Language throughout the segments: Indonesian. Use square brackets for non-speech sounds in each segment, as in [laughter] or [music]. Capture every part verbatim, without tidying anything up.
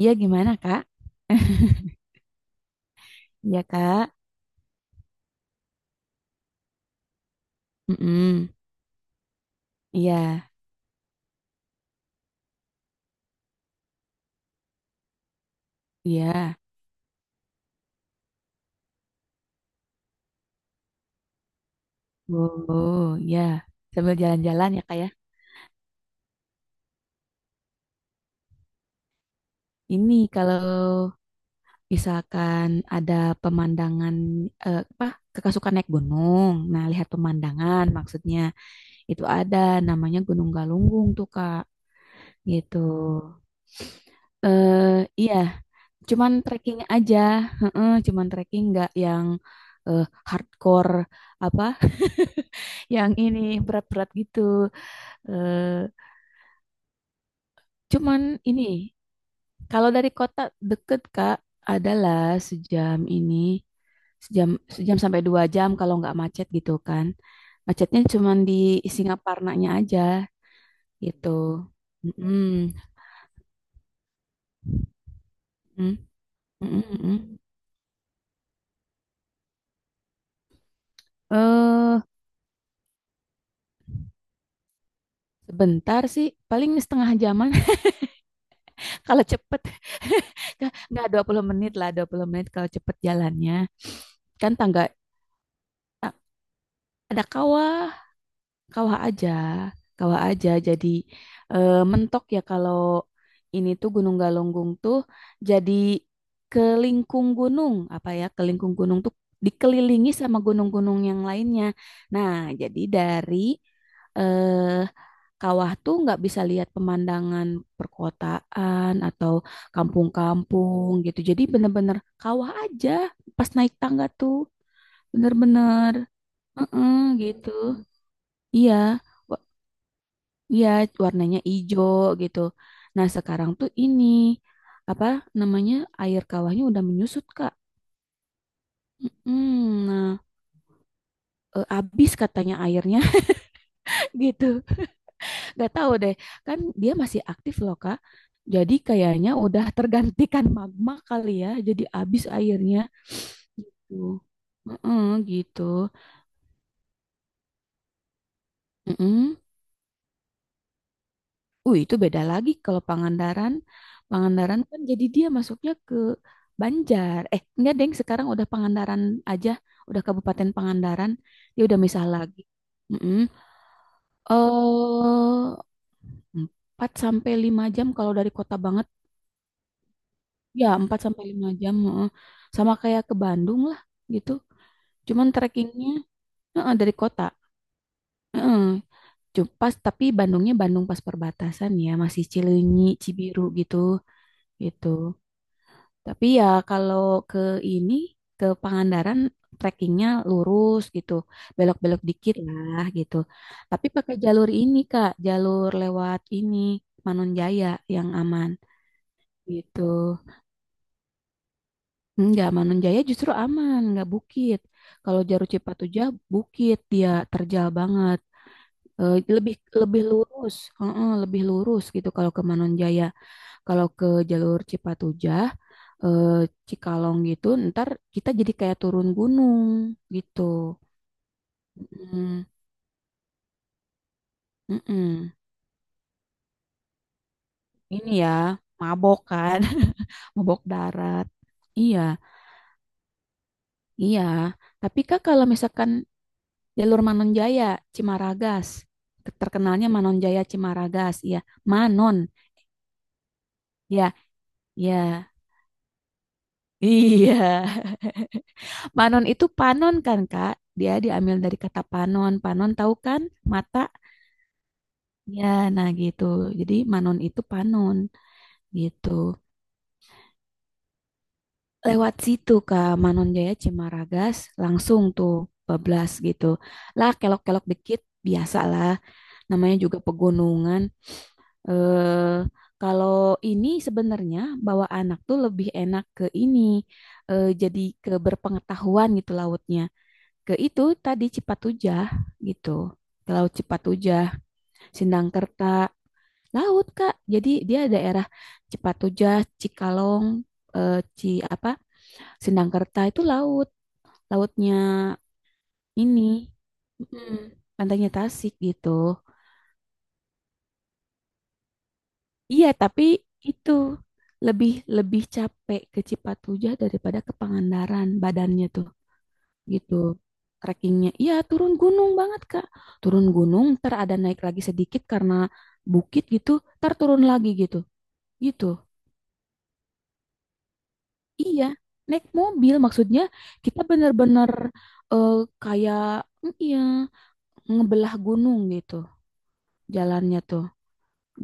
Iya gimana Kak? [laughs] Iya Kak. Mm-mm. Iya, iya. Oh, iya. Sambil jalan-jalan ya Kak ya. Ini kalau misalkan ada pemandangan eh, apa? Kakak suka naik gunung. Nah, lihat pemandangan maksudnya. Itu ada namanya Gunung Galunggung tuh Kak. Gitu. eh iya, cuman trekking aja. Heeh, cuman trekking nggak yang eh, hardcore apa yang ini berat-berat gitu. Eh, cuman ini kalau dari kota deket Kak adalah sejam ini sejam sejam sampai dua jam kalau nggak macet gitu kan. Macetnya cuman di Singaparnanya aja gitu. Mm-mm, mm, mm-mm, mm mm. Eh, sebentar sih paling setengah jaman. [laughs] Kalau cepet [laughs] nggak nggak dua puluh menit lah, dua puluh menit kalau cepet jalannya. Kan tangga ta- ada kawah. Kawah aja, kawah aja. Jadi eh, mentok ya kalau ini tuh Gunung Galunggung tuh jadi kelingkung gunung apa ya? Kelingkung gunung tuh dikelilingi sama gunung-gunung yang lainnya. Nah, jadi dari eh, kawah tuh nggak bisa lihat pemandangan perkotaan atau kampung-kampung gitu. Jadi bener-bener kawah aja pas naik tangga tuh bener-bener, eh, eh, gitu. Iya. Iya, warnanya hijau gitu. Nah, sekarang tuh ini apa namanya air kawahnya udah menyusut, Kak. Mm nah, eh, habis katanya airnya. [laughs] Gitu. Gak tahu deh. Kan dia masih aktif loh, Kak. Jadi kayaknya udah tergantikan magma kali ya. Jadi habis airnya gitu. mm Gitu. Mm-mm. Uh, itu beda lagi kalau Pangandaran. Pangandaran kan jadi dia masuknya ke Banjar. Eh, enggak, Deng. Sekarang udah Pangandaran aja. Udah Kabupaten Pangandaran. Dia udah misah lagi. Mm-mm. Eh, empat sampai lima jam kalau dari kota banget. Ya, empat sampai lima jam. Heeh. Sama kayak ke Bandung lah gitu. Cuman trekkingnya heeh, dari kota. Heeh. Cu- Pas, tapi Bandungnya Bandung pas perbatasan ya. Masih Cileunyi, Cibiru gitu. Gitu. Tapi ya kalau ke ini ke Pangandaran trekkingnya lurus gitu, belok-belok dikit lah gitu. Tapi pakai jalur ini Kak, jalur lewat ini Manunjaya yang aman gitu. Enggak, Manunjaya justru aman, nggak bukit. Kalau jalur Cipatujah bukit dia terjal banget. Eh, lebih lebih lurus. Heeh, lebih lurus gitu kalau ke Manunjaya. Kalau ke jalur Cipatujah, eh, Cikalong gitu, ntar kita jadi kayak turun gunung gitu. Mm, mm-mm. Ini ya, mabok kan. [laughs] Mabok darat. Iya, iya. Tapi Kak kalau misalkan jalur Manonjaya, Cimaragas, terkenalnya Manonjaya Cimaragas, iya. Manon, ya, ya. Iya. [laughs] Manon itu panon kan, Kak? Dia diambil dari kata panon. Panon tahu kan? Mata. Ya, nah gitu. Jadi Manon itu Panon gitu. Lewat situ Kak Manon Jaya Cimaragas langsung tuh bablas gitu. Lah kelok-kelok dikit biasalah namanya juga pegunungan. Eh, kalau ini sebenarnya bawa anak tuh lebih enak ke ini, eh, jadi ke berpengetahuan gitu lautnya. Ke itu tadi Cipatujah gitu. Ke Laut Cipatujah. Sindangkerta laut Kak. Jadi dia daerah Cipatujah, Cikalong, eh, Ci apa? Sindangkerta itu laut, lautnya ini, mm, pantainya Tasik gitu. Iya, tapi itu lebih lebih capek ke Cipatujah daripada ke Pangandaran badannya tuh gitu. Trekkingnya, iya turun gunung banget Kak. Turun gunung, ntar ada naik lagi sedikit karena bukit gitu, ntar turun lagi gitu, gitu. Iya, naik mobil maksudnya kita benar-benar, eh, kayak mm, iya ngebelah gunung gitu jalannya tuh.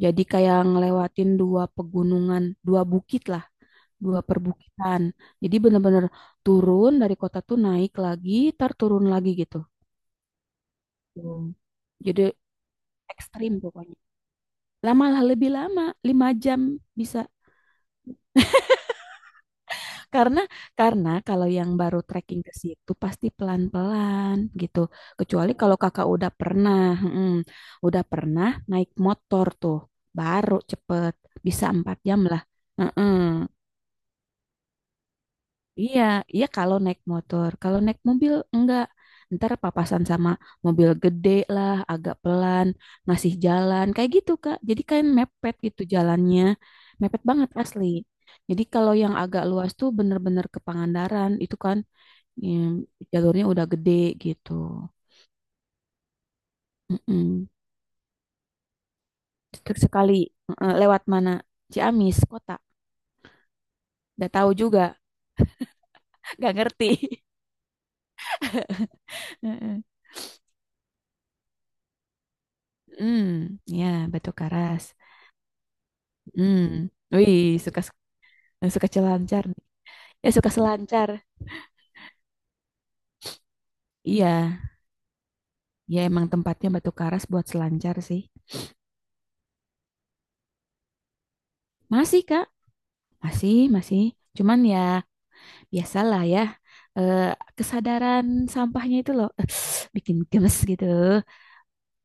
Jadi kayak ngelewatin dua pegunungan, dua bukit lah, dua perbukitan. Jadi benar-benar turun dari kota tuh naik lagi, tar turun lagi gitu. Hmm. Jadi ekstrim pokoknya. Lama lah lebih lama, lima jam bisa. Karena karena kalau yang baru trekking ke situ pasti pelan-pelan gitu. Kecuali kalau kakak udah pernah, mm, udah pernah naik motor tuh, baru cepet bisa empat jam lah. Mm-mm. Iya, iya kalau naik motor, kalau naik mobil enggak. Ntar papasan sama mobil gede lah, agak pelan, ngasih jalan kayak gitu Kak. Jadi kayak mepet gitu jalannya, mepet banget asli. Jadi kalau yang agak luas tuh bener-bener ke Pangandaran, itu kan ya, jalurnya udah gede gitu. Mm-mm. Terus sekali, eh, lewat mana? Ciamis kota. Gak tahu juga, gak ngerti. [laughs] Mm-mm. Hmm, ya Batu Karas. Hmm, wih suka suka selancar nih. Ya suka selancar. Iya, ya emang tempatnya Batu Karas buat selancar sih. Masih Kak, masih masih. Cuman ya biasalah ya, eh, kesadaran sampahnya itu loh [sighs] bikin gemes gitu.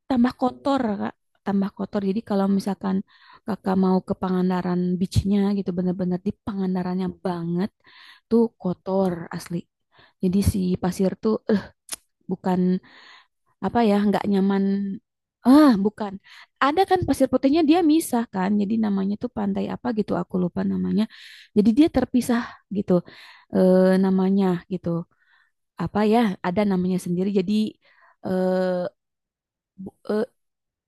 Tambah kotor kak, tambah kotor. Jadi kalau misalkan kakak mau ke Pangandaran beachnya gitu bener-bener di Pangandarannya banget tuh kotor asli. Jadi si pasir tuh, eh, bukan apa ya nggak nyaman. Ah, bukan. Ada kan pasir putihnya dia misah kan jadi namanya tuh pantai apa gitu aku lupa namanya. Jadi dia terpisah gitu, eh, namanya gitu apa ya, ada namanya sendiri. Jadi, eh, bu- eh,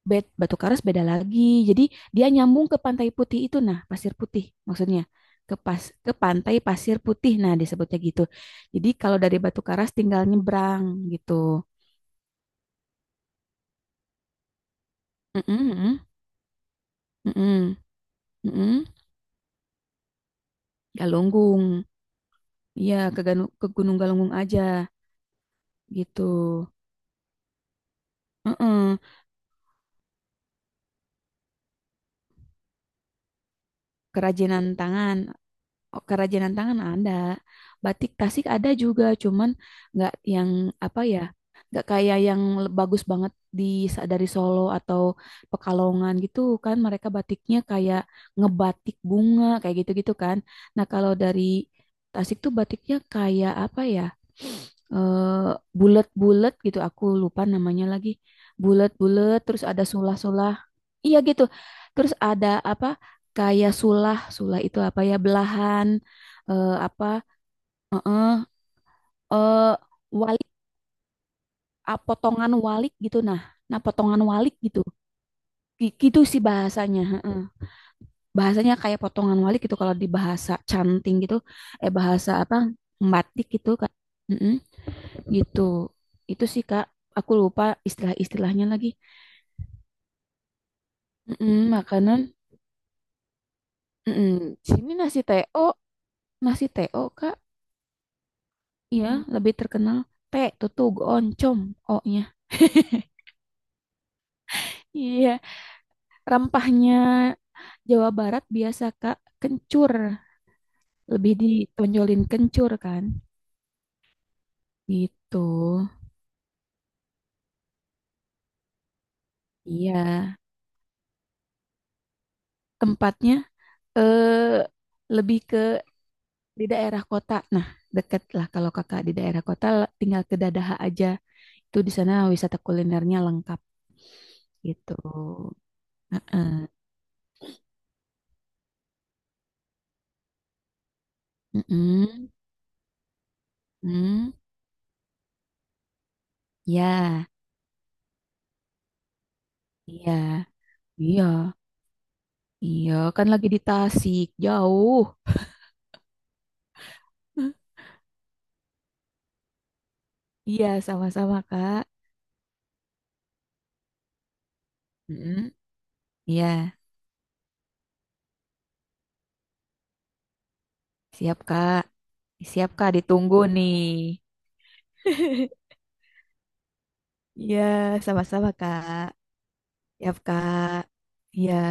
bet Batu Karas beda lagi. Jadi dia nyambung ke Pantai Putih itu nah, Pasir Putih maksudnya. Ke pas ke Pantai Pasir Putih nah disebutnya gitu. Jadi kalau dari Batu Karas tinggal nyebrang gitu. Mm-mm, mm-mm, mm-mm, mm-mm. Galunggung. Iya, ke, Ganu- ke Gunung Galunggung aja gitu. Mm-mm. Kerajinan tangan. Oh, kerajinan tangan ada, batik Tasik ada juga, cuman nggak yang apa ya, nggak kayak yang le- bagus banget di sa- dari Solo atau Pekalongan gitu kan, mereka batiknya kayak ngebatik bunga kayak gitu-gitu kan. Nah kalau dari Tasik tuh batiknya kayak apa ya, eh, bulat-bulat gitu, aku lupa namanya lagi, bulat-bulat, terus ada sulah-sulah, iya gitu, terus ada apa? Kayak sulah, sulah itu apa ya belahan, eh, apa, eh, eh, walik. Ah, potongan walik gitu nah. Nah, potongan walik gitu. Gi- Gitu sih bahasanya, heeh. Bahasanya kayak potongan walik gitu kalau di bahasa canting gitu, eh bahasa apa? Batik gitu kan. Heeh, gitu. Itu sih Kak, aku lupa istilah-istilahnya lagi. Mm-mm, makanan. Mm-mm. Sini nasi teo, nasi teo Kak. Iya, lebih terkenal. T, tutug, oncom, O-nya. Iya, rempahnya Jawa Barat biasa Kak kencur, lebih ditonjolin kencur kan, gitu. Iya, tempatnya eh lebih ke di daerah kota. Nah, deket lah kalau Kakak di daerah kota, tinggal ke Dadaha aja. Itu di sana wisata kulinernya lengkap gitu. Heeh. Mm-mm. Mm. Ya, iya, iya, iya. Kan lagi di Tasik, jauh. [laughs] Iya, sama-sama, Kak. Mm-mm. Iya, siap Kak. Siap Kak, ditunggu nih. [laughs] Iya, sama-sama Kak. Siap Kak. Iya.